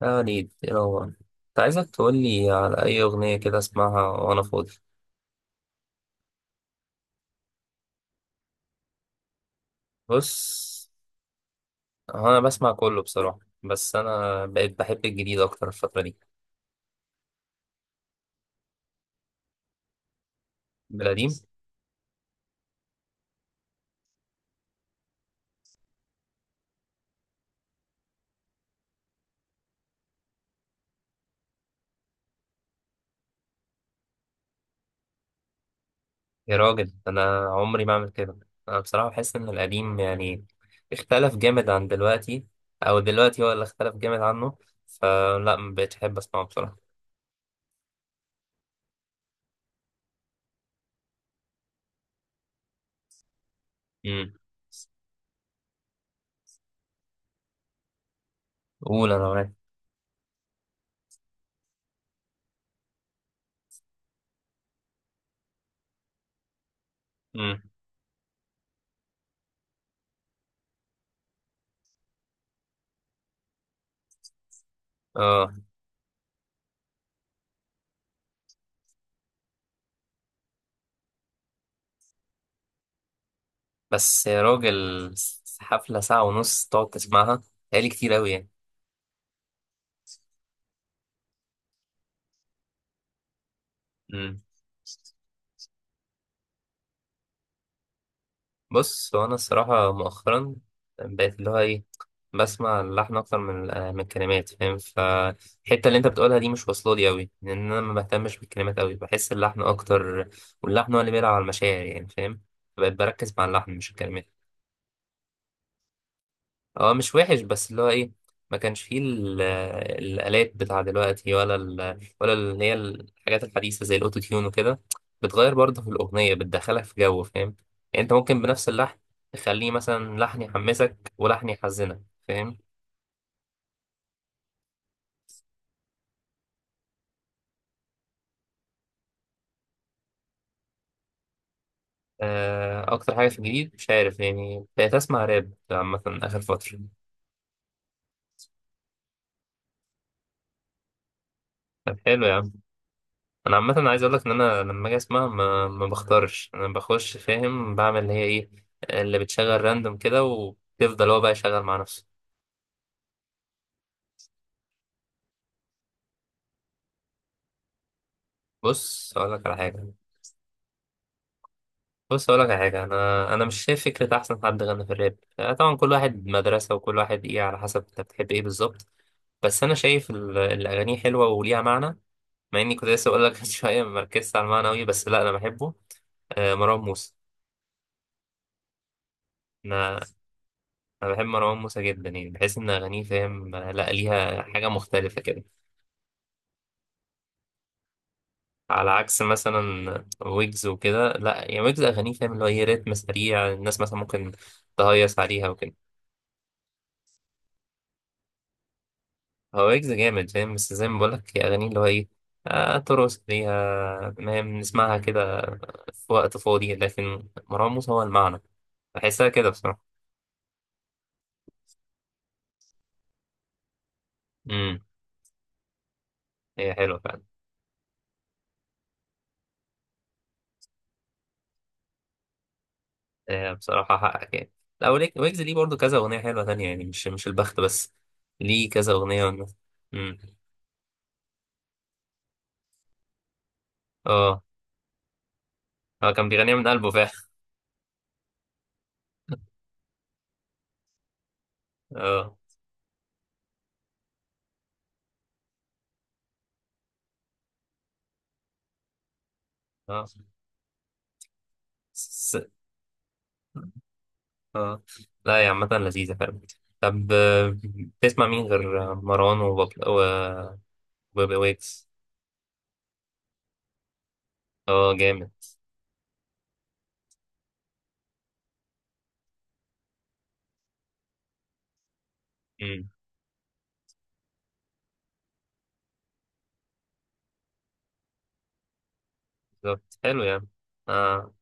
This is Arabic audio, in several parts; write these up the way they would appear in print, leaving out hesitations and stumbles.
يعني يلا، انت عايزك تقولي على أي أغنية كده أسمعها وأنا فاضي. بص، هو أنا بسمع كله بصراحة، بس أنا بقيت بحب الجديد أكتر الفترة دي من القديم. يا راجل، أنا عمري ما أعمل كده. أنا بصراحة بحس إن القديم يعني اختلف جامد عن دلوقتي، أو دلوقتي هو اللي اختلف جامد عنه، فلا ما بقتش أحب أسمعه بصراحة. امم. قول، أنا معاك. امم. آه. بس يا راجل، حفلة ساعة ونص تقعد تسمعها، هي كتير أوي. يعني بص، هو انا الصراحه مؤخرا بقيت اللي هو ايه، بسمع اللحن اكتر من من الكلمات، فاهم؟ فالحته اللي انت بتقولها دي مش واصله لي قوي، لان انا ما بهتمش بالكلمات قوي، بحس اللحن اكتر، واللحن هو اللي بيلعب على المشاعر، يعني فاهم. فبقيت بركز مع اللحن مش الكلمات. هو مش وحش، بس اللي هو ايه، ما كانش فيه الآلات بتاع دلوقتي، ولا ولا اللي هي الحاجات الحديثة زي الأوتو تيون وكده. بتغير برضه في الأغنية، بتدخلك في جو فاهم. يعني أنت ممكن بنفس اللحن تخليه مثلا لحن يحمسك ولحن يحزنك، فاهم؟ آه، أكتر حاجة في الجديد مش عارف يعني، بقيت أسمع راب عامة آخر فترة. طب حلو يا عم، انا عامه عايز اقول لك ان انا لما اجي اسمع ما بختارش، انا بخش فاهم، بعمل اللي هي ايه اللي بتشغل راندوم كده، وبيفضل هو بقى يشغل مع نفسه. بص اقول لك على حاجه بص اقول لك على حاجه، انا مش شايف فكره احسن حد غنى في الراب، طبعا كل واحد مدرسه، وكل واحد ايه على حسب انت بتحب ايه بالظبط. بس انا شايف الاغاني حلوه وليها معنى. مع اني كنت لسه اقول لك من شويه ما مركزتش على المعنى قوي، بس لا، انا بحبه. آه، مروان موسى. انا انا بحب مروان موسى جدا، يعني بحس ان اغانيه فاهم، لا ليها حاجه مختلفه كده. على عكس مثلا ويجز وكده، لا يعني ويجز اغانيه فاهم اللي هو ايه رتم سريع، الناس مثلا ممكن تهيص عليها وكده. هو ويجز جامد فاهم، بس زي ما بقولك هي اغانيه اللي هو ايه، ترقص ليها فاهم، نسمعها كده في وقت فاضي، لكن مروان موسى هو المعنى، بحسها كده بصراحه. امم. هي حلوه فعلا. آه، بصراحة حقك يعني. لا، ويجز ليه برضه كذا أغنية حلوة تانية، يعني مش البخت بس، ليه كذا أغنية والناس-. مم. اه. هو كان بيغنيها من قلبه فعلا. اه. اه. س... اه. لا يا عامة لذيذة فعلا. طب بتسمع مين غير مروان وبابل وبابي ويجز؟ اه، جامد. مم. بالظبط، حلو يعني. اه.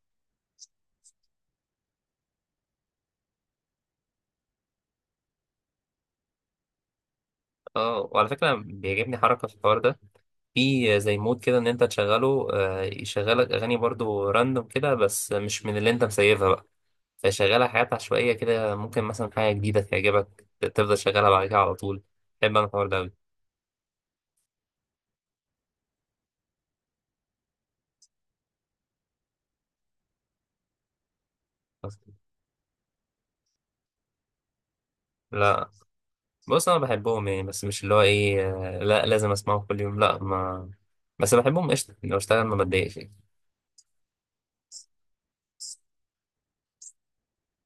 اه، وعلى فكرة بيعجبني حركة في الحوار ده، في زي مود كده ان انت تشغله يشغلك اغاني برضو راندوم كده، بس مش من اللي انت مسيفها بقى. فيشغلها حاجات عشوائية كده، ممكن مثلا حاجة جديدة تعجبك تفضل شغالها بعد كده على طول. بحب انا الحوار ده أوي. لا، بص انا بحبهم يعني، بس مش اللي هو ايه، لا لازم اسمعه كل يوم، لا ما. بس بحبهم قشطة يعني، لو اشتغل ما بتضايقش يعني.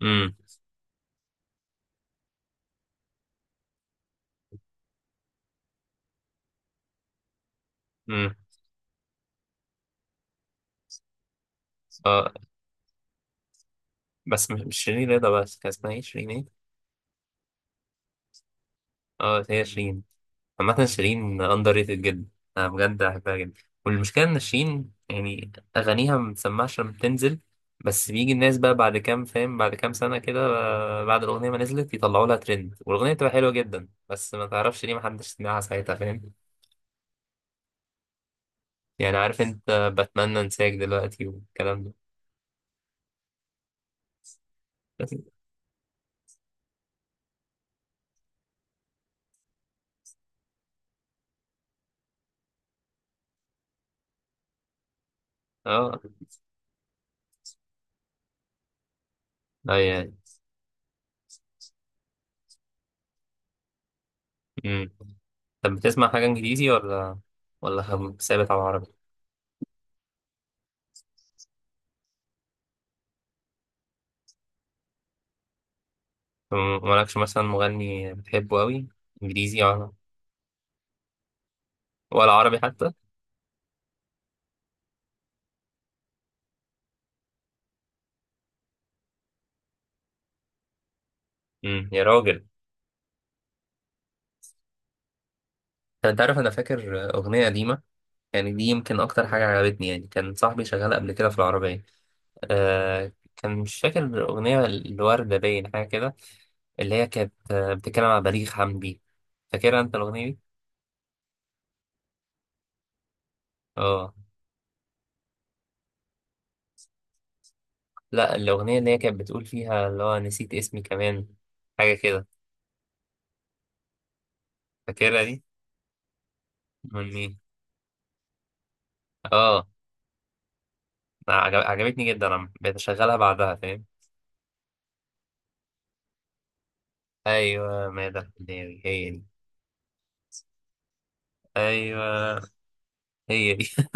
امم. امم. اه. بس مش شيرين رضا بس، كان اسمها ايه؟ شيرين ايه؟ اه، هي شيرين. عامة شيرين أندر ريتد جدا، أنا بجد بحبها جدا. والمشكلة إن شيرين يعني أغانيها ما بتسمعش لما بتنزل. بس بيجي الناس بقى بعد كام، فاهم، بعد كام سنة كده، بعد الأغنية ما نزلت يطلعوا لها ترند، والأغنية بتبقى حلوة جدا، بس ما تعرفش ليه محدش سمعها ساعتها، فاهم؟ يعني عارف أنت، بتمنى أنساك دلوقتي والكلام ده. بس. أه. أه. يعني. مم. طب بتسمع حاجة إنجليزي، ولا ثابت على العربي؟ مالكش مثلا مغني بتحبه أوي إنجليزي ولا، عربي حتى؟ يا راجل. انت عارف انا فاكر اغنيه قديمه، يعني دي يمكن اكتر حاجه عجبتني، يعني كان صاحبي شغال قبل كده في العربيه. كان مش فاكر الاغنيه، الورده باين حاجه كده، اللي هي كانت بتتكلم عن بليغ حمدي. فاكرها انت الاغنيه دي؟ اه لا، الاغنيه اللي هي كانت بتقول فيها اللي هو نسيت اسمي كمان، حاجه كده، فاكرها دي؟ من مين؟ اه، عجبتني جدا، انا بقيت اشغلها بعدها فاهم. ايوه، ماذا؟ هي دي، هي دي. ايوه، هي دي.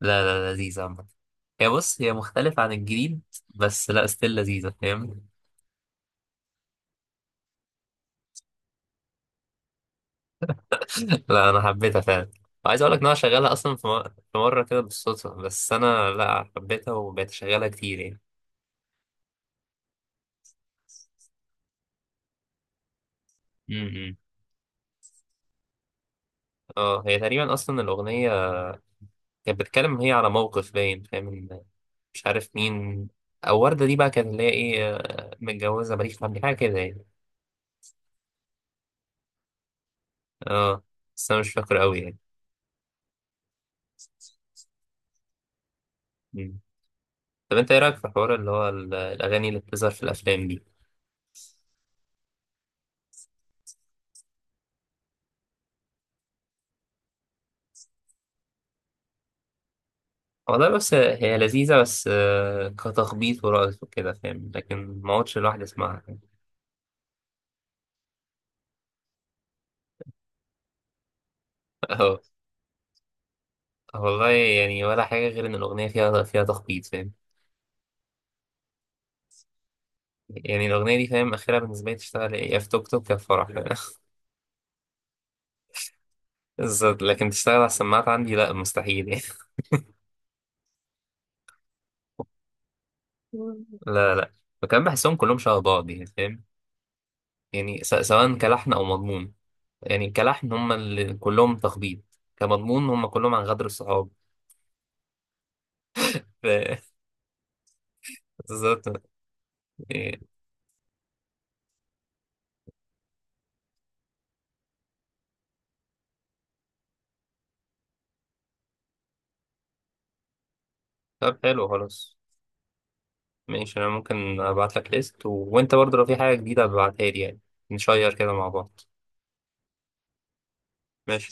لا لا، لذيذة. هي بص، هي مختلفة عن الجديد، بس لا، ستيل لذيذة فاهم. لا، أنا حبيتها فعلا، وعايز أقول لك إن أنا شغالها أصلا في مرة كده بالصدفة، بس أنا لا، حبيتها وبقيت أشغلها كتير يعني. امم. اه، هي تقريبا أصلا الأغنية كانت بتتكلم، هي على موقف باين فاهم إن، مش عارف مين، أو وردة دي بقى كانت اللي هي إيه، متجوزة ماليش حد، حاجة كده يعني. اه، بس أنا مش فاكر أوي يعني. مم. طب أنت إيه رأيك في الحوار اللي هو الأغاني اللي بتظهر في الأفلام دي؟ والله بس هي لذيذة، بس كتخبيط ورقص وكده فاهم، لكن ما اقعدش لوحدي اسمعها. اه، والله يعني ولا حاجة، غير ان الأغنية فيها تخبيط فاهم. يعني الأغنية دي فاهم، آخرها بالنسبة لي تشتغل يا في توك توك يا في فرح، فاهم؟ بالظبط، لكن تشتغل على السماعات عندي لا، مستحيل يعني. لا، لا. وكمان بحسهم كلهم شبه بعض يعني فاهم. يعني سواء كلحن أو مضمون، يعني كلحن هم اللي كلهم تخبيط، كمضمون هم كلهم عن غدر الصحاب. ف- بالظبط يعني. طب حلو خلاص. ماشي، انا ممكن ابعت لك ليست وانت برضه لو في حاجه جديده ابعتها لي يعني، نشير كده مع بعض. ماشي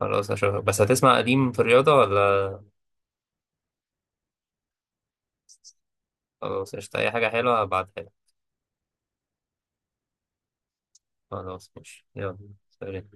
خلاص، اشوفك. بس هتسمع قديم في الرياضه ولا؟ خلاص قشطة، اي حاجه حلوه ابعتها لك. خلاص ماشي يلا، سلام.